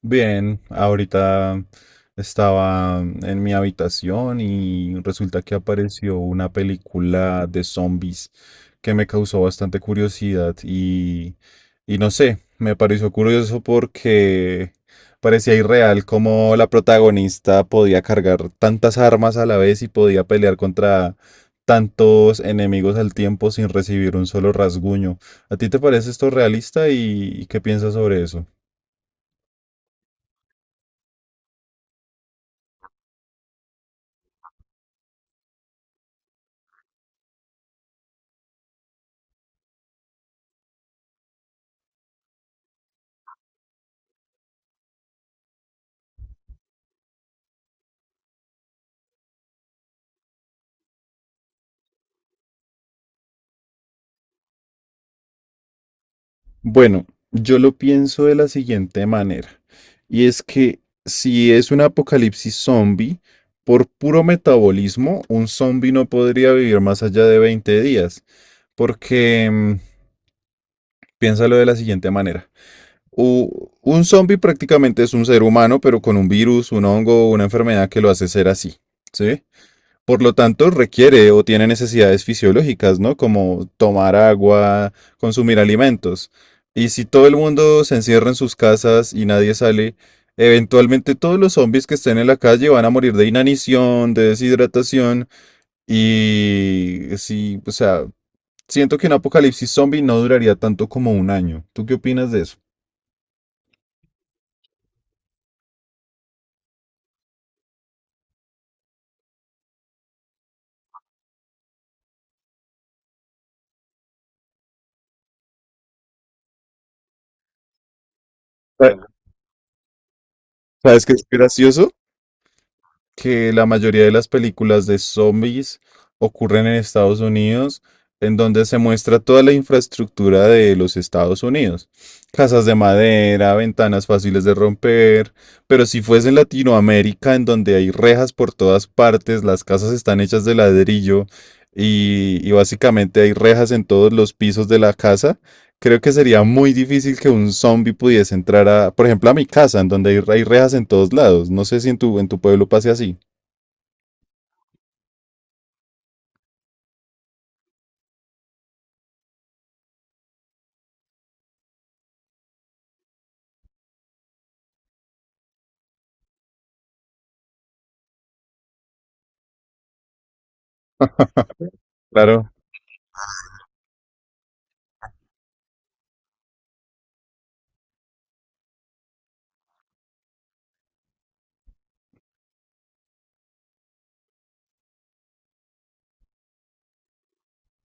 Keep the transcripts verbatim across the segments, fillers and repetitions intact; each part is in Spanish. Bien, ahorita estaba en mi habitación y resulta que apareció una película de zombies que me causó bastante curiosidad y, y no sé, me pareció curioso porque parecía irreal cómo la protagonista podía cargar tantas armas a la vez y podía pelear contra tantos enemigos al tiempo sin recibir un solo rasguño. ¿A ti te parece esto realista y y qué piensas sobre eso? Bueno, yo lo pienso de la siguiente manera, y es que si es un apocalipsis zombie, por puro metabolismo, un zombie no podría vivir más allá de veinte días, porque mm, piénsalo de la siguiente manera. U- un zombie prácticamente es un ser humano, pero con un virus, un hongo, una enfermedad que lo hace ser así, ¿sí? Por lo tanto, requiere o tiene necesidades fisiológicas, ¿no? Como tomar agua, consumir alimentos. Y si todo el mundo se encierra en sus casas y nadie sale, eventualmente todos los zombies que estén en la calle van a morir de inanición, de deshidratación. Y sí, o sea, siento que un apocalipsis zombie no duraría tanto como un año. ¿Tú qué opinas de eso? Sa- Sabes que es gracioso, que la mayoría de las películas de zombies ocurren en Estados Unidos, en donde se muestra toda la infraestructura de los Estados Unidos. Casas de madera, ventanas fáciles de romper, pero si fuese en Latinoamérica, en donde hay rejas por todas partes, las casas están hechas de ladrillo y, y básicamente hay rejas en todos los pisos de la casa, creo que sería muy difícil que un zombie pudiese entrar a, por ejemplo, a mi casa, en donde hay, hay rejas en todos lados. No sé si en tu, en tu pueblo pase así. Claro,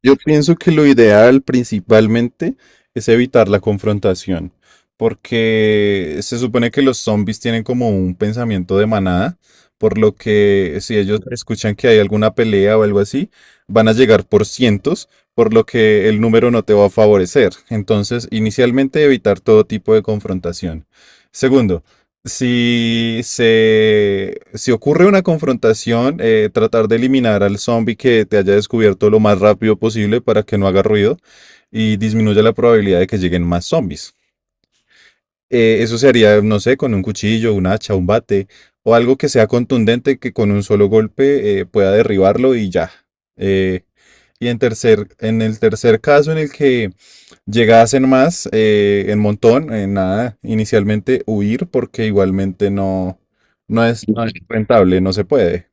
yo pienso que lo ideal principalmente es evitar la confrontación, porque se supone que los zombies tienen como un pensamiento de manada, por lo que si ellos escuchan que hay alguna pelea o algo así, van a llegar por cientos, por lo que el número no te va a favorecer. Entonces, inicialmente evitar todo tipo de confrontación. Segundo, Si se, si ocurre una confrontación, eh, tratar de eliminar al zombie que te haya descubierto lo más rápido posible para que no haga ruido y disminuya la probabilidad de que lleguen más zombies. Eh, eso se haría, no sé, con un cuchillo, un hacha, un bate o algo que sea contundente que con un solo golpe eh, pueda derribarlo y ya. Eh, y en tercer, en el tercer caso en el que Llega llegasen más eh, en montón, en nada, inicialmente huir porque igualmente no, no es, no es rentable, no se puede.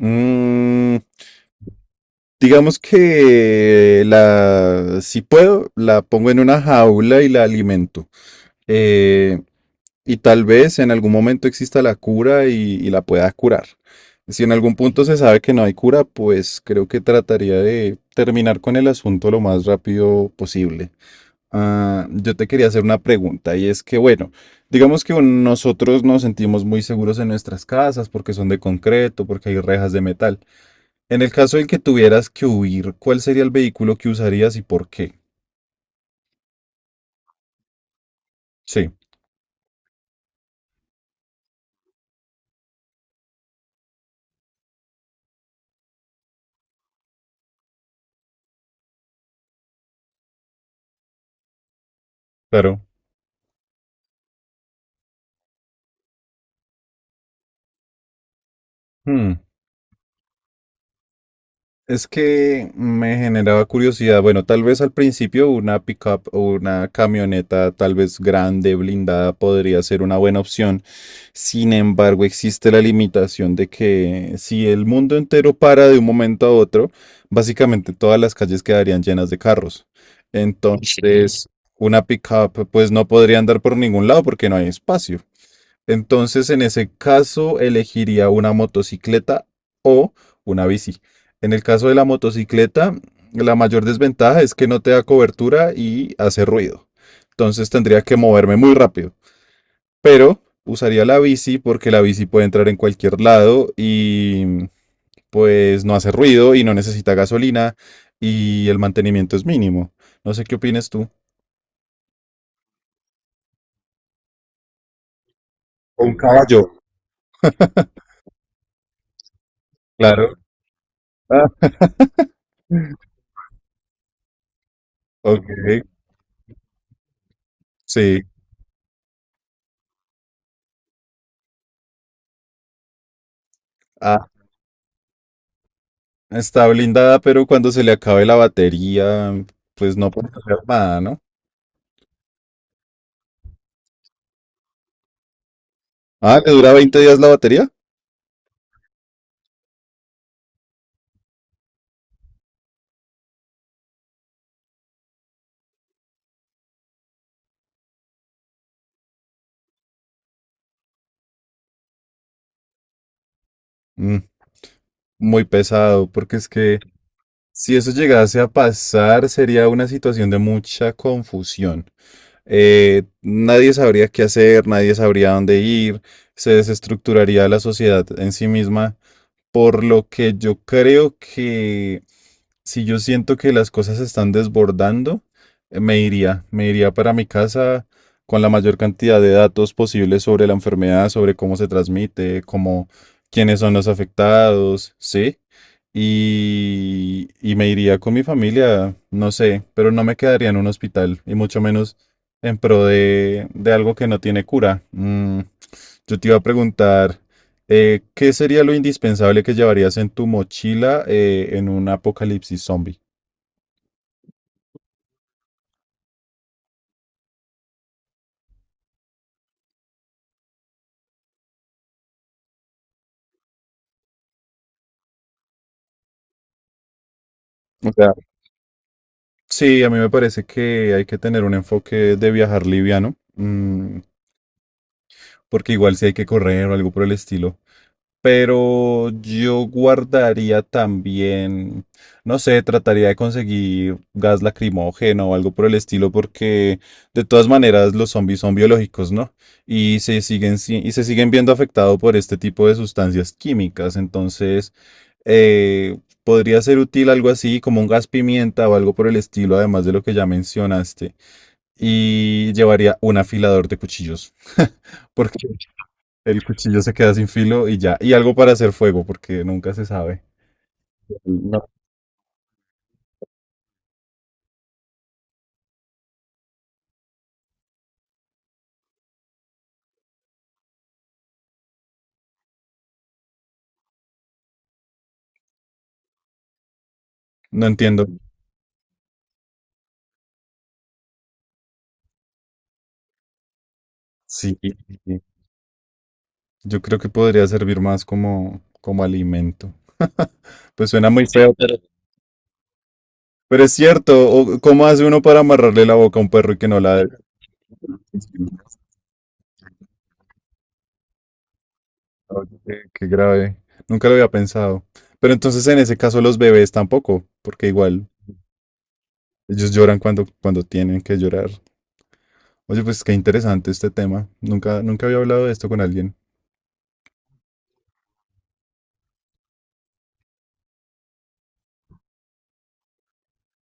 Mm, digamos que la, si puedo, la pongo en una jaula y la alimento. Eh, y tal vez en algún momento exista la cura y, y la pueda curar. Si en algún punto se sabe que no hay cura, pues creo que trataría de terminar con el asunto lo más rápido posible. Ah, yo te quería hacer una pregunta y es que, bueno, digamos que un- nosotros nos sentimos muy seguros en nuestras casas porque son de concreto, porque hay rejas de metal. En el caso en que tuvieras que huir, ¿cuál sería el vehículo que usarías y por qué? Sí, claro. Hmm. Es que me generaba curiosidad. Bueno, tal vez al principio una pickup o una camioneta, tal vez grande, blindada, podría ser una buena opción. Sin embargo, existe la limitación de que si el mundo entero para de un momento a otro, básicamente todas las calles quedarían llenas de carros. Sí. Entonces, una pickup, pues no podría andar por ningún lado porque no hay espacio. Entonces, en ese caso, elegiría una motocicleta o una bici. En el caso de la motocicleta, la mayor desventaja es que no te da cobertura y hace ruido. Entonces tendría que moverme muy rápido. Pero usaría la bici porque la bici puede entrar en cualquier lado y pues no hace ruido y no necesita gasolina y el mantenimiento es mínimo. No sé qué opinas tú. Un caballo. Claro. Ah, ok. Sí. Ah, está blindada, pero cuando se le acabe la batería, pues no puede hacer nada, ¿no? Ah, ¿le dura veinte días la batería? Mm, muy pesado, porque es que si eso llegase a pasar, sería una situación de mucha confusión. eh, nadie sabría qué hacer, nadie sabría dónde ir, se desestructuraría la sociedad en sí misma por lo que yo creo que si yo siento que las cosas se están desbordando, eh, me iría, me iría para mi casa con la mayor cantidad de datos posibles sobre la enfermedad, sobre cómo se transmite, cómo, quiénes son los afectados, ¿sí? Y, y me iría con mi familia, no sé, pero no me quedaría en un hospital y mucho menos en pro de, de algo que no tiene cura. Mm, yo te iba a preguntar, eh, ¿qué sería lo indispensable que llevarías en tu mochila eh, en un apocalipsis zombie? O sea, sí, a mí me parece que hay que tener un enfoque de viajar liviano, mm, porque igual si hay que correr o algo por el estilo. Pero yo guardaría también, no sé, trataría de conseguir gas lacrimógeno o algo por el estilo, porque de todas maneras los zombies son biológicos, ¿no? Y se siguen, si- y se siguen viendo afectados por este tipo de sustancias químicas. Entonces, eh, podría ser útil algo así como un gas pimienta o algo por el estilo, además de lo que ya mencionaste. Y llevaría un afilador de cuchillos, porque el cuchillo se queda sin filo y ya. Y algo para hacer fuego, porque nunca se sabe. No. No entiendo. Sí, sí. Yo creo que podría servir más como, como alimento. Pues suena muy, sí, feo, pero pero es cierto. O- ¿cómo hace uno para amarrarle la boca a un perro y que no la... Oye, qué, qué grave. Nunca lo había pensado. Pero entonces en ese caso los bebés tampoco, porque igual ellos lloran cuando, cuando tienen que llorar. Oye, pues qué interesante este tema. Nunca, nunca había hablado de esto con alguien.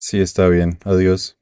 Sí, está bien. Adiós.